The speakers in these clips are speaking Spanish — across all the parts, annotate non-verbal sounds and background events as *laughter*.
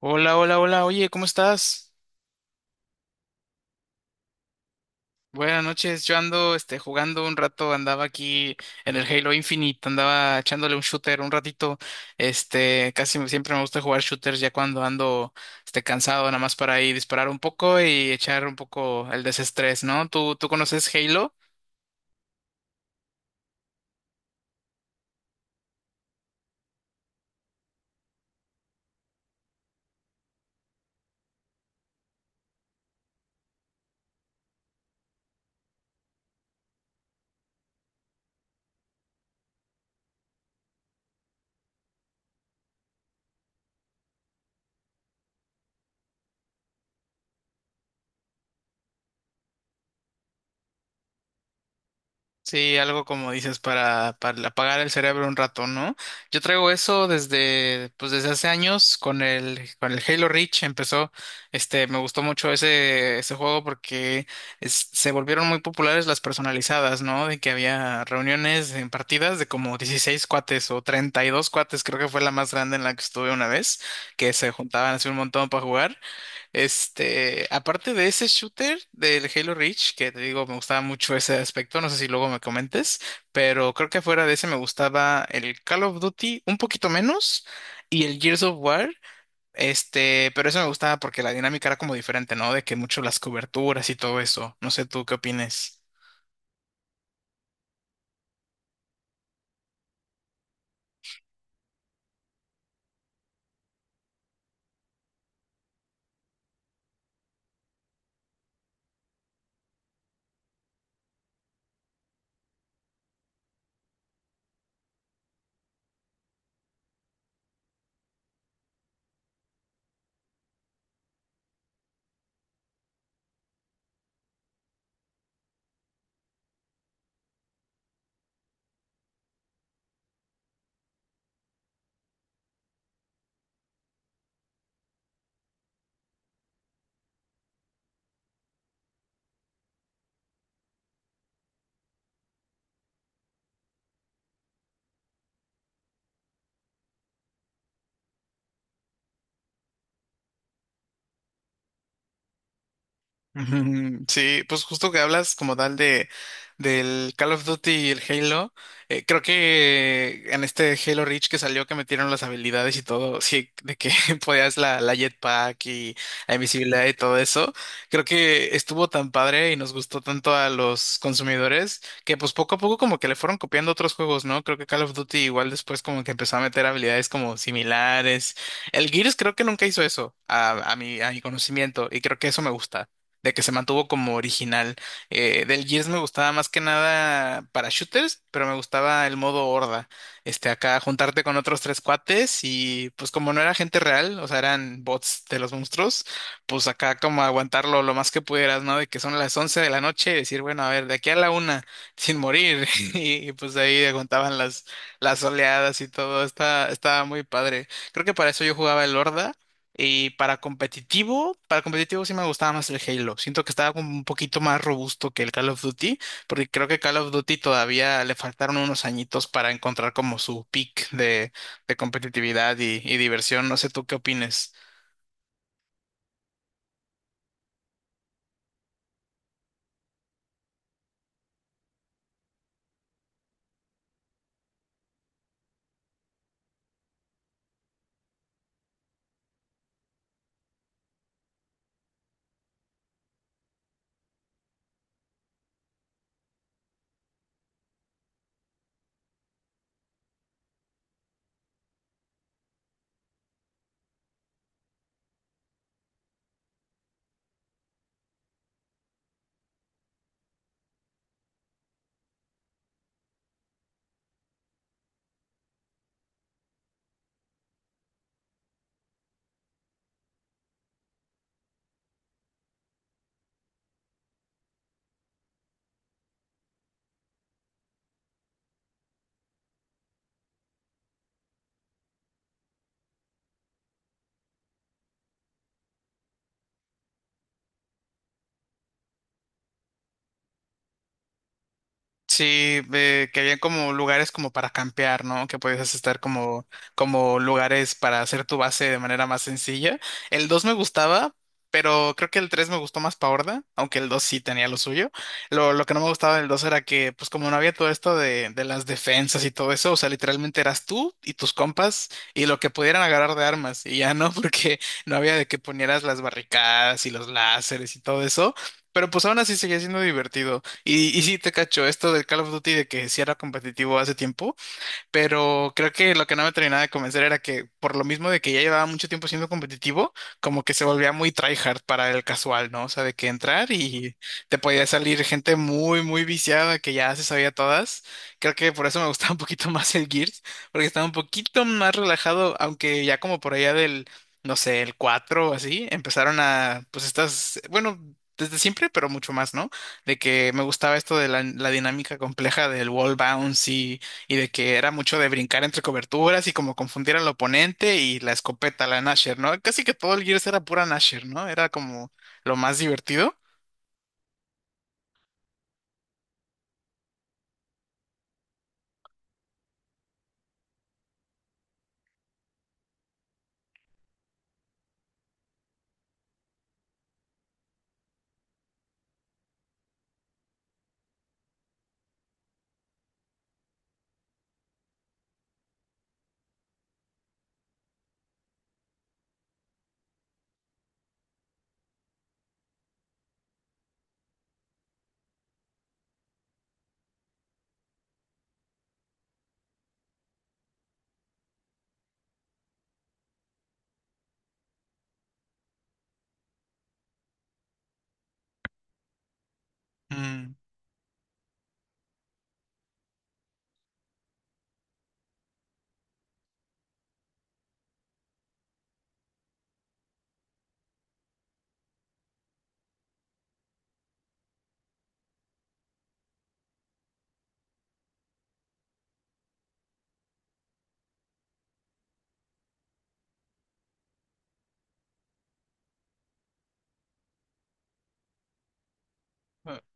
Hola, hola, hola, oye, ¿cómo estás? Buenas noches, yo ando jugando un rato, andaba aquí en el Halo Infinite, andaba echándole un shooter un ratito, siempre me gusta jugar shooters ya cuando ando cansado, nada más para ahí disparar un poco y echar un poco el desestrés, ¿no? ¿Tú conoces Halo? Sí, algo como dices para apagar el cerebro un rato, ¿no? Yo traigo eso pues desde hace años con el Halo Reach empezó, me gustó mucho ese juego porque se volvieron muy populares las personalizadas, ¿no? De que había reuniones en partidas de como 16 cuates o 32 cuates, creo que fue la más grande en la que estuve una vez, que se juntaban así un montón para jugar aparte de ese shooter del Halo Reach, que te digo, me gustaba mucho ese aspecto, no sé si luego me comentes, pero creo que fuera de ese me gustaba el Call of Duty un poquito menos y el Gears of War, pero eso me gustaba porque la dinámica era como diferente, ¿no? De que mucho las coberturas y todo eso. No sé tú qué opines. Ujú. Sí, pues justo que hablas como tal de del Call of Duty y el Halo, creo que en este Halo Reach que salió que metieron las habilidades y todo, sí, de que *laughs* podías la jetpack y la invisibilidad y todo eso, creo que estuvo tan padre y nos gustó tanto a los consumidores que pues poco a poco como que le fueron copiando otros juegos, ¿no? Creo que Call of Duty igual después como que empezó a meter habilidades como similares. El Gears creo que nunca hizo eso a mi conocimiento y creo que eso me gusta de que se mantuvo como original. Del Gears me gustaba más que nada para shooters, pero me gustaba el modo horda. Acá juntarte con otros tres cuates y pues como no era gente real, o sea, eran bots de los monstruos, pues acá como aguantarlo lo más que pudieras, ¿no? De que son las 11 de la noche y decir, bueno, a ver, de aquí a la 1, sin morir. *laughs* Y pues ahí aguantaban las oleadas y todo. Estaba, estaba muy padre. Creo que para eso yo jugaba el horda. Y para competitivo sí me gustaba más el Halo. Siento que estaba como un poquito más robusto que el Call of Duty, porque creo que Call of Duty todavía le faltaron unos añitos para encontrar como su peak de competitividad y diversión. No sé tú qué opines. Sí, que había como lugares como para campear, ¿no? Que podías estar como, como lugares para hacer tu base de manera más sencilla. El dos me gustaba, pero creo que el 3 me gustó más pa' horda, aunque el 2 sí tenía lo suyo. Lo que no me gustaba del 2 era que, pues como no había todo esto de las defensas y todo eso, o sea, literalmente eras tú y tus compas y lo que pudieran agarrar de armas, y ya no, *laughs* porque no había de que ponieras las barricadas y los láseres y todo eso. Pero pues aún así seguía siendo divertido. Y sí, te cacho, esto del Call of Duty de que sí era competitivo hace tiempo, pero creo que lo que no me terminaba de convencer era que por lo mismo de que ya llevaba mucho tiempo siendo competitivo, como que se volvía muy tryhard para el casual, ¿no? O sea, de que entrar y te podía salir gente muy, muy viciada que ya se sabía todas. Creo que por eso me gustaba *laughs* un poquito más el Gears, porque estaba un poquito más relajado, aunque ya como por allá del, no sé, el 4 o así, empezaron a, pues estas, bueno... Desde siempre, pero mucho más, ¿no? De que me gustaba esto de la dinámica compleja del wall bounce y de que era mucho de brincar entre coberturas y como confundir al oponente y la escopeta, la Nasher, ¿no? Casi que todo el Gears era pura Nasher, ¿no? Era como lo más divertido. Mm.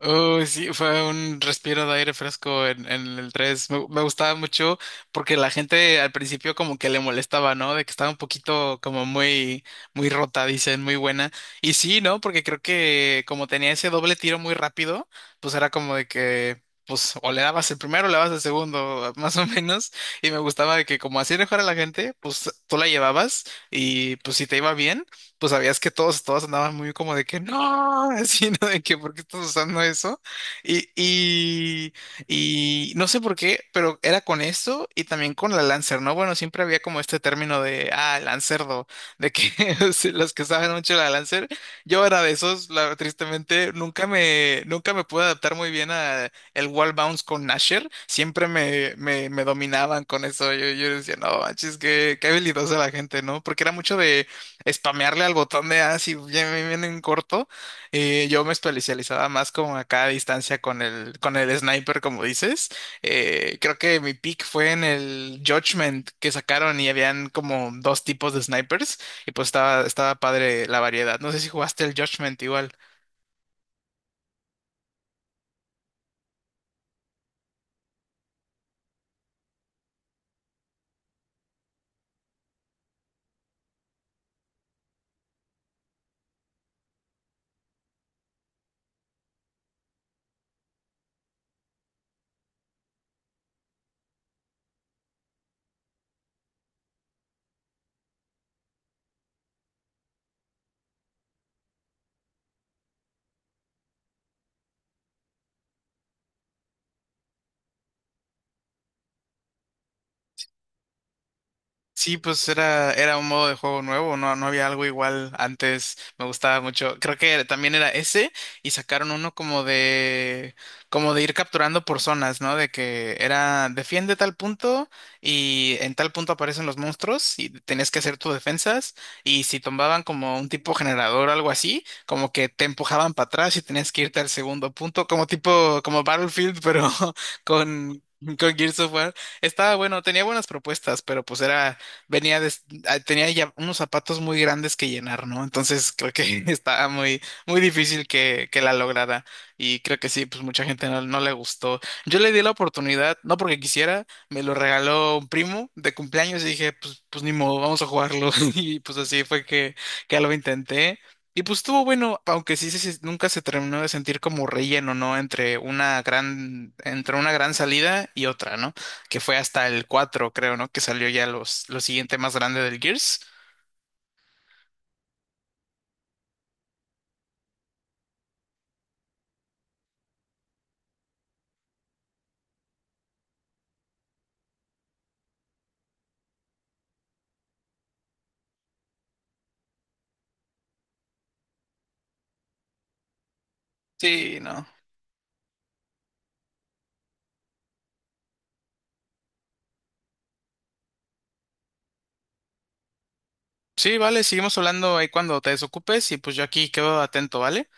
Uy, sí, fue un respiro de aire fresco en el tres. Me gustaba mucho porque la gente al principio como que le molestaba, ¿no? De que estaba un poquito como muy, muy rota, dicen, muy buena. Y sí, ¿no? Porque creo que como tenía ese doble tiro muy rápido, pues era como de que, pues, o le dabas el primero o le dabas el segundo, *laughs* más o menos. Y me gustaba de que como así mejor a la gente, pues tú la llevabas y pues si te iba bien pues sabías que todos, todos andaban muy como de que no, *laughs* así, ¿no? De que ¿por qué estás usando eso? Y, y, y no sé por qué, pero era con eso y también con la Lancer, ¿no? Bueno, siempre había como este término de, ah, Lancerdo, de que *laughs* sí, los que saben mucho de la Lancer, yo era de esos, tristemente, nunca me pude adaptar muy bien a el wall bounce con Nasher, siempre me dominaban con eso, yo decía, no, manches, qué habilidosa la gente, ¿no? Porque era mucho de spamearle al botón de así bien, bien, bien en corto. Yo me especializaba más como acá a distancia con el sniper, como dices. Creo que mi pick fue en el Judgment que sacaron y habían como dos tipos de snipers y pues estaba, estaba padre la variedad. No sé si jugaste el Judgment igual. Sí, pues era, era un modo de juego nuevo, no, no había algo igual antes, me gustaba mucho. Creo que también era ese y sacaron uno como de ir capturando por zonas, ¿no? De que era defiende tal punto y en tal punto aparecen los monstruos y tenías que hacer tus defensas y si tomaban como un tipo generador o algo así, como que te empujaban para atrás y tenías que irte al segundo punto, como tipo, como Battlefield, pero *laughs* con... Con Gears of War. Estaba bueno, tenía buenas propuestas, pero pues era venía de- tenía ya unos zapatos muy grandes que llenar, ¿no? Entonces creo que *laughs* estaba muy, muy difícil que la lograra. Y creo que sí, pues mucha gente no, no le gustó. Yo le di la oportunidad, no porque quisiera, me lo regaló un primo de cumpleaños y dije, pues, pues ni modo, vamos a jugarlo. *laughs* Y pues así fue que lo intenté. Y pues estuvo bueno, aunque sí, sí, sí, nunca se terminó de sentir como relleno, ¿no? Entre una gran salida y otra, ¿no? Que fue hasta el 4 creo, ¿no? Que salió ya lo siguiente más grande del Gears. Sí, no. Sí, vale, seguimos hablando ahí cuando te desocupes y pues yo aquí quedo atento, ¿vale?